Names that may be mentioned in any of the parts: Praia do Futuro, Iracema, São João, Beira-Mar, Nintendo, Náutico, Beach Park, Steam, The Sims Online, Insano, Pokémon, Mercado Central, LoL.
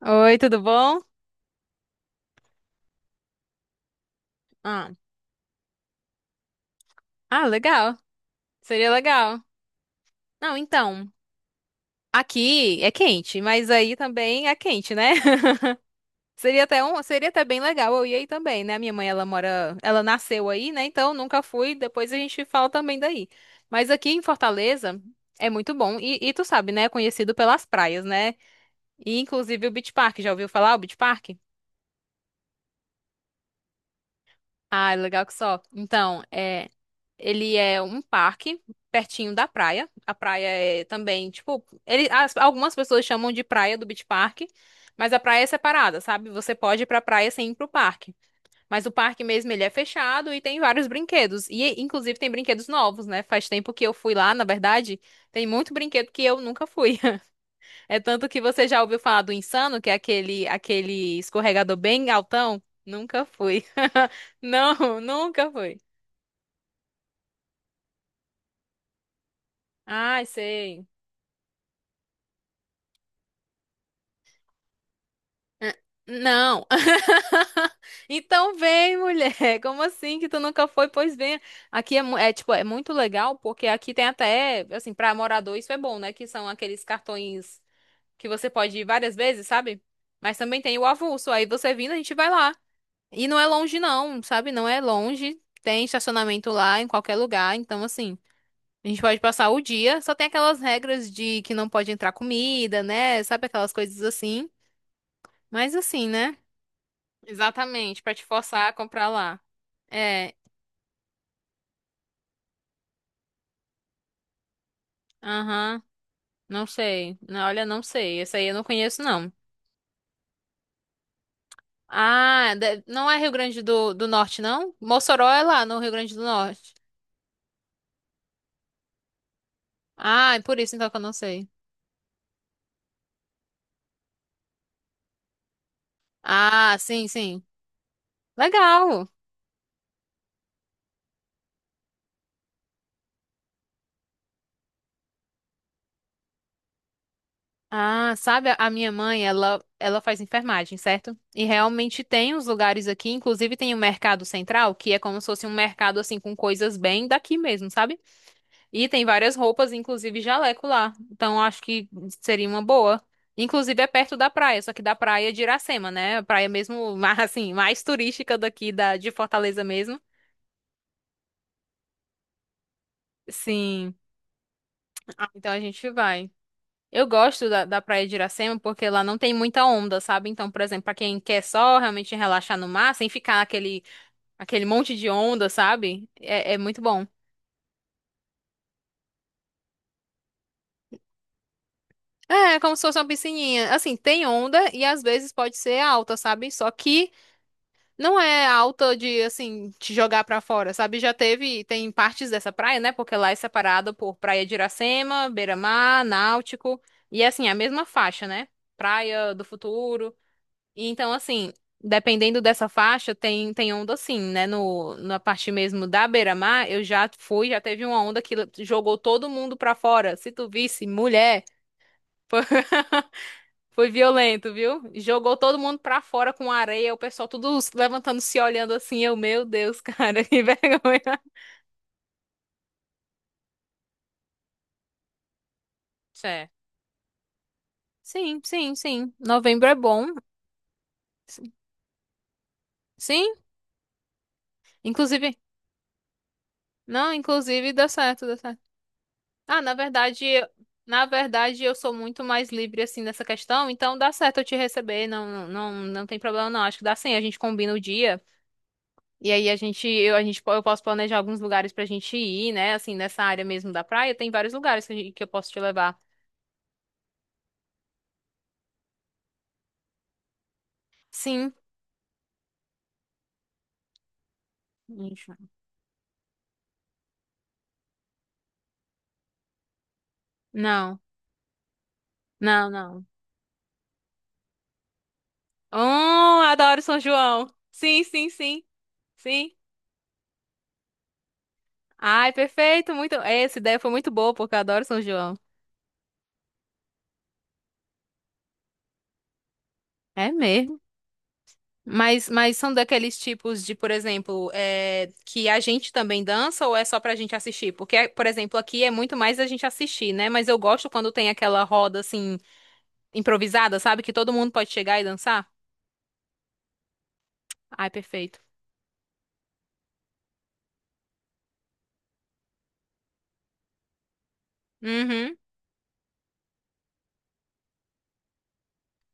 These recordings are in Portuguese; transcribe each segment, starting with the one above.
Oi, tudo bom? Ah, ah, legal. Seria legal. Não, então, aqui é quente, mas aí também é quente, né? Seria até bem legal eu ir aí também, né? Minha mãe, ela nasceu aí, né? Então nunca fui, depois a gente fala também daí. Mas aqui em Fortaleza é muito bom e tu sabe, né? É conhecido pelas praias, né? E inclusive o Beach Park, já ouviu falar o Beach Park? Ah, é legal que só. Então. Ele é um parque pertinho da praia. A praia é também, tipo, ele, algumas pessoas chamam de praia do Beach Park, mas a praia é separada, sabe? Você pode ir pra praia sem ir pro parque. Mas o parque mesmo, ele é fechado e tem vários brinquedos. E, inclusive, tem brinquedos novos, né? Faz tempo que eu fui lá, na verdade, tem muito brinquedo que eu nunca fui. É tanto que você já ouviu falar do Insano, que é aquele escorregador bem altão? Nunca fui. Não, nunca fui. Ai, sei. Ah, não. Então vem, mulher. Como assim que tu nunca foi? Pois vem. Aqui é, tipo, é muito legal porque aqui tem até, assim, para morador isso é bom, né? Que são aqueles cartões que você pode ir várias vezes, sabe? Mas também tem o avulso. Aí você vindo, a gente vai lá. E não é longe não, sabe? Não é longe. Tem estacionamento lá em qualquer lugar, então assim, a gente pode passar o dia. Só tem aquelas regras de que não pode entrar comida, né? Sabe aquelas coisas assim. Mas assim, né? Exatamente, pra te forçar a comprar lá. É, aham, não sei. Não, olha, não sei. Essa aí eu não conheço, não. Ah, não é Rio Grande do Norte, não? Mossoró é lá no Rio Grande do Norte. Ah, é por isso então que eu não sei. Ah, sim, sim. Legal. Ah, sabe, a minha mãe, ela faz enfermagem, certo? E realmente tem uns lugares aqui, inclusive tem o Mercado Central, que é como se fosse um mercado, assim, com coisas bem daqui mesmo, sabe? E tem várias roupas, inclusive jaleco lá. Então acho que seria uma boa. Inclusive é perto da praia, só que da praia de Iracema, né? A praia mesmo, assim, mais turística daqui de Fortaleza mesmo. Sim. Ah, então a gente vai. Eu gosto da praia de Iracema porque lá não tem muita onda, sabe? Então, por exemplo, pra quem quer só realmente relaxar no mar, sem ficar aquele monte de onda, sabe? É, muito bom. É, como se fosse uma piscininha. Assim, tem onda e às vezes pode ser alta, sabe? Só que não é alta de, assim, te jogar pra fora, sabe? Tem partes dessa praia, né? Porque lá é separada por Praia de Iracema, Beira-Mar, Náutico. E, assim, é a mesma faixa, né? Praia do Futuro. E, então, assim, dependendo dessa faixa, tem onda, assim, né? No, na parte mesmo da Beira-Mar, eu já fui, já teve uma onda que jogou todo mundo pra fora. Se tu visse, mulher. Foi violento, viu? Jogou todo mundo pra fora com areia, o pessoal tudo levantando, se olhando assim. Eu, meu Deus, cara, que vergonha. É. Sim, sim, sim. Novembro é bom. Sim, inclusive. Não, inclusive dá certo, dá certo. Ah, na verdade eu sou muito mais livre assim nessa questão, então dá certo eu te receber, não, não, não tem problema não. Acho que dá sim, a gente combina o dia. E aí a gente, eu, a gente, po- eu posso planejar alguns lugares pra gente ir, né? Assim, nessa área mesmo da praia, tem vários lugares que, que eu posso te levar. Sim. Ixi, não, não, não. Oh, adoro São João. Sim, sim, sim, sim. Ai, perfeito, muito. Essa ideia foi muito boa, porque eu adoro São João. É mesmo. Mas, são daqueles tipos de, por exemplo, que a gente também dança ou é só pra gente assistir? Porque, por exemplo, aqui é muito mais a gente assistir, né? Mas eu gosto quando tem aquela roda assim, improvisada, sabe? Que todo mundo pode chegar e dançar. Ai, perfeito. Uhum.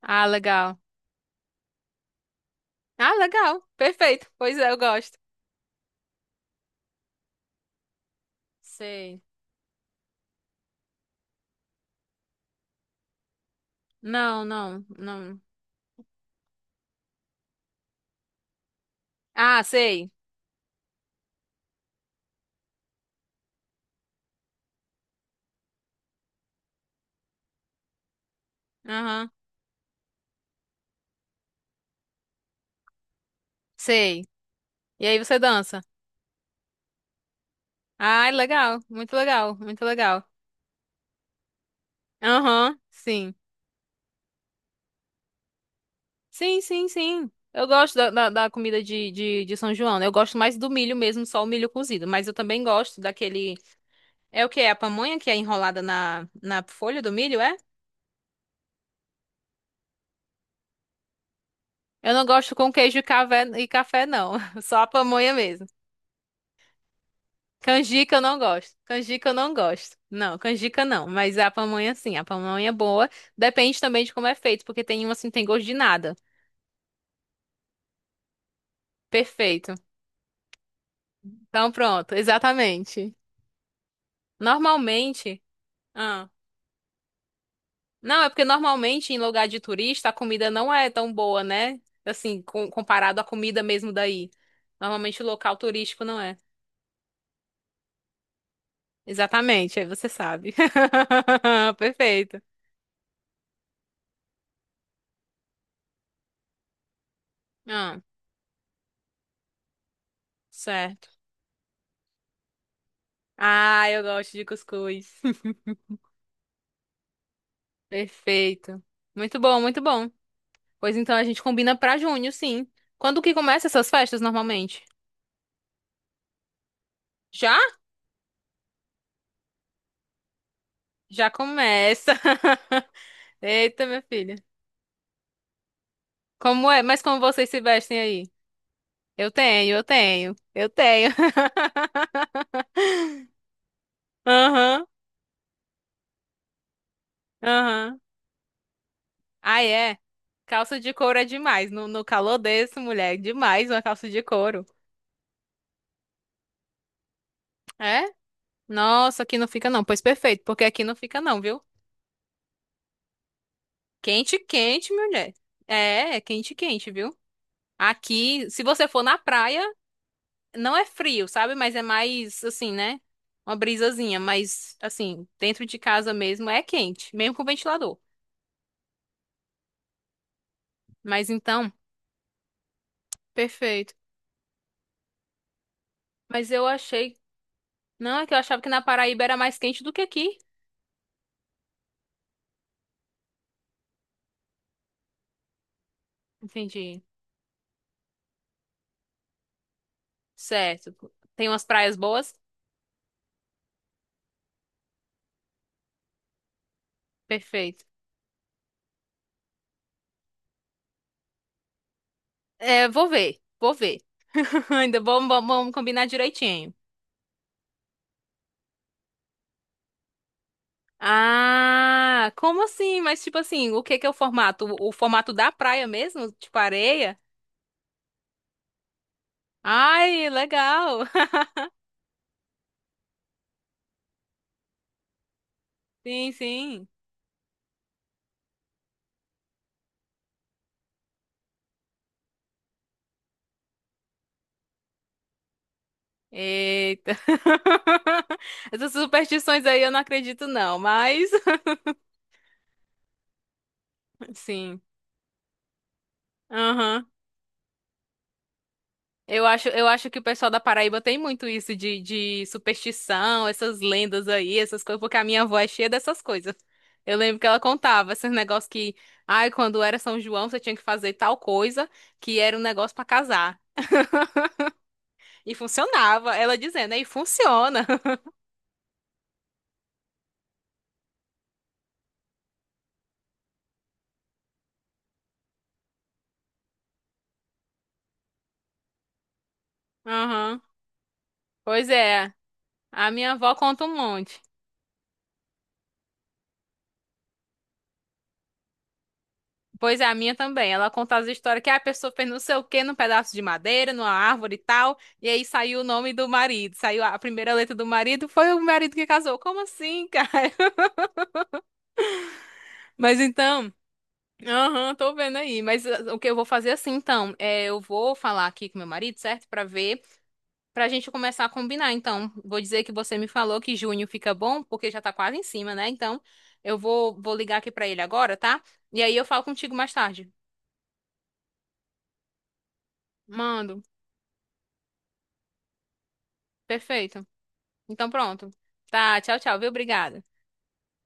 Ah, legal. Ah, legal. Perfeito. Pois é, eu gosto. Sei. Não, não, não. Ah, sei. Aham. Sei. E aí você dança. Ai, legal. Muito legal, muito legal. Aham, sim. Sim, sim, sim. Eu gosto da comida de São João, né? Eu gosto mais do milho mesmo, só o milho cozido. Mas eu também gosto daquele. É o que? É a pamonha que é enrolada na folha do milho, é? Eu não gosto com queijo e café, não. Só a pamonha mesmo. Canjica eu não gosto. Canjica eu não gosto. Não, canjica não. Mas a pamonha sim. A pamonha é boa. Depende também de como é feito, porque tem uma assim, que tem gosto de nada. Perfeito. Então pronto, exatamente. Normalmente. Ah, não, é porque normalmente em lugar de turista a comida não é tão boa, né? Assim, comparado à comida mesmo daí. Normalmente o local turístico não é. Exatamente, aí você sabe. Perfeito. Ah. Certo. Ah, eu gosto de cuscuz. Perfeito. Muito bom, muito bom. Pois então a gente combina pra junho, sim. Quando que começa essas festas normalmente? Já? Já começa. Eita, minha filha. Como é? Mas como vocês se vestem aí? Eu tenho, eu tenho, eu tenho. Aham, aham. Ah, é. Calça de couro é demais. No calor desse, mulher, é demais uma calça de couro. É? Nossa, aqui não fica não. Pois perfeito, porque aqui não fica não, viu? Quente, quente, mulher. É, quente, quente, viu? Aqui, se você for na praia, não é frio, sabe? Mas é mais assim, né? Uma brisazinha, mas assim, dentro de casa mesmo é quente, mesmo com ventilador. Mas então, perfeito. Mas eu achei, não, é que eu achava que na Paraíba era mais quente do que aqui. Entendi. Certo. Tem umas praias boas? Perfeito. É, vou ver, vou ver. Ainda vamos, vamos combinar direitinho. Ah, como assim? Mas tipo assim, o que que é o formato? O formato da praia mesmo? Tipo areia? Ai, legal. Sim, sim. Eita. Essas superstições aí eu não acredito não, mas sim. Aham. Eu acho que o pessoal da Paraíba tem muito isso de superstição, essas lendas aí, essas coisas, porque a minha avó é cheia dessas coisas. Eu lembro que ela contava esses negócios que, ai, quando era São João, você tinha que fazer tal coisa, que era um negócio pra casar. E funcionava, ela dizendo, aí funciona. Aham. Pois é, a minha avó conta um monte. Pois é, a minha também. Ela conta as histórias que a pessoa fez não sei o quê num pedaço de madeira, numa árvore e tal. E aí saiu o nome do marido. Saiu a primeira letra do marido. Foi o marido que casou. Como assim, cara? Mas então, aham, tô vendo aí. Mas o que eu vou fazer é assim, então? É, eu vou falar aqui com meu marido, certo? Pra ver, pra gente começar a combinar. Então, vou dizer que você me falou que junho fica bom, porque já tá quase em cima, né? Então, vou ligar aqui pra ele agora, tá? E aí eu falo contigo mais tarde. Mando. Perfeito. Então pronto. Tá, tchau, tchau, viu? Obrigada.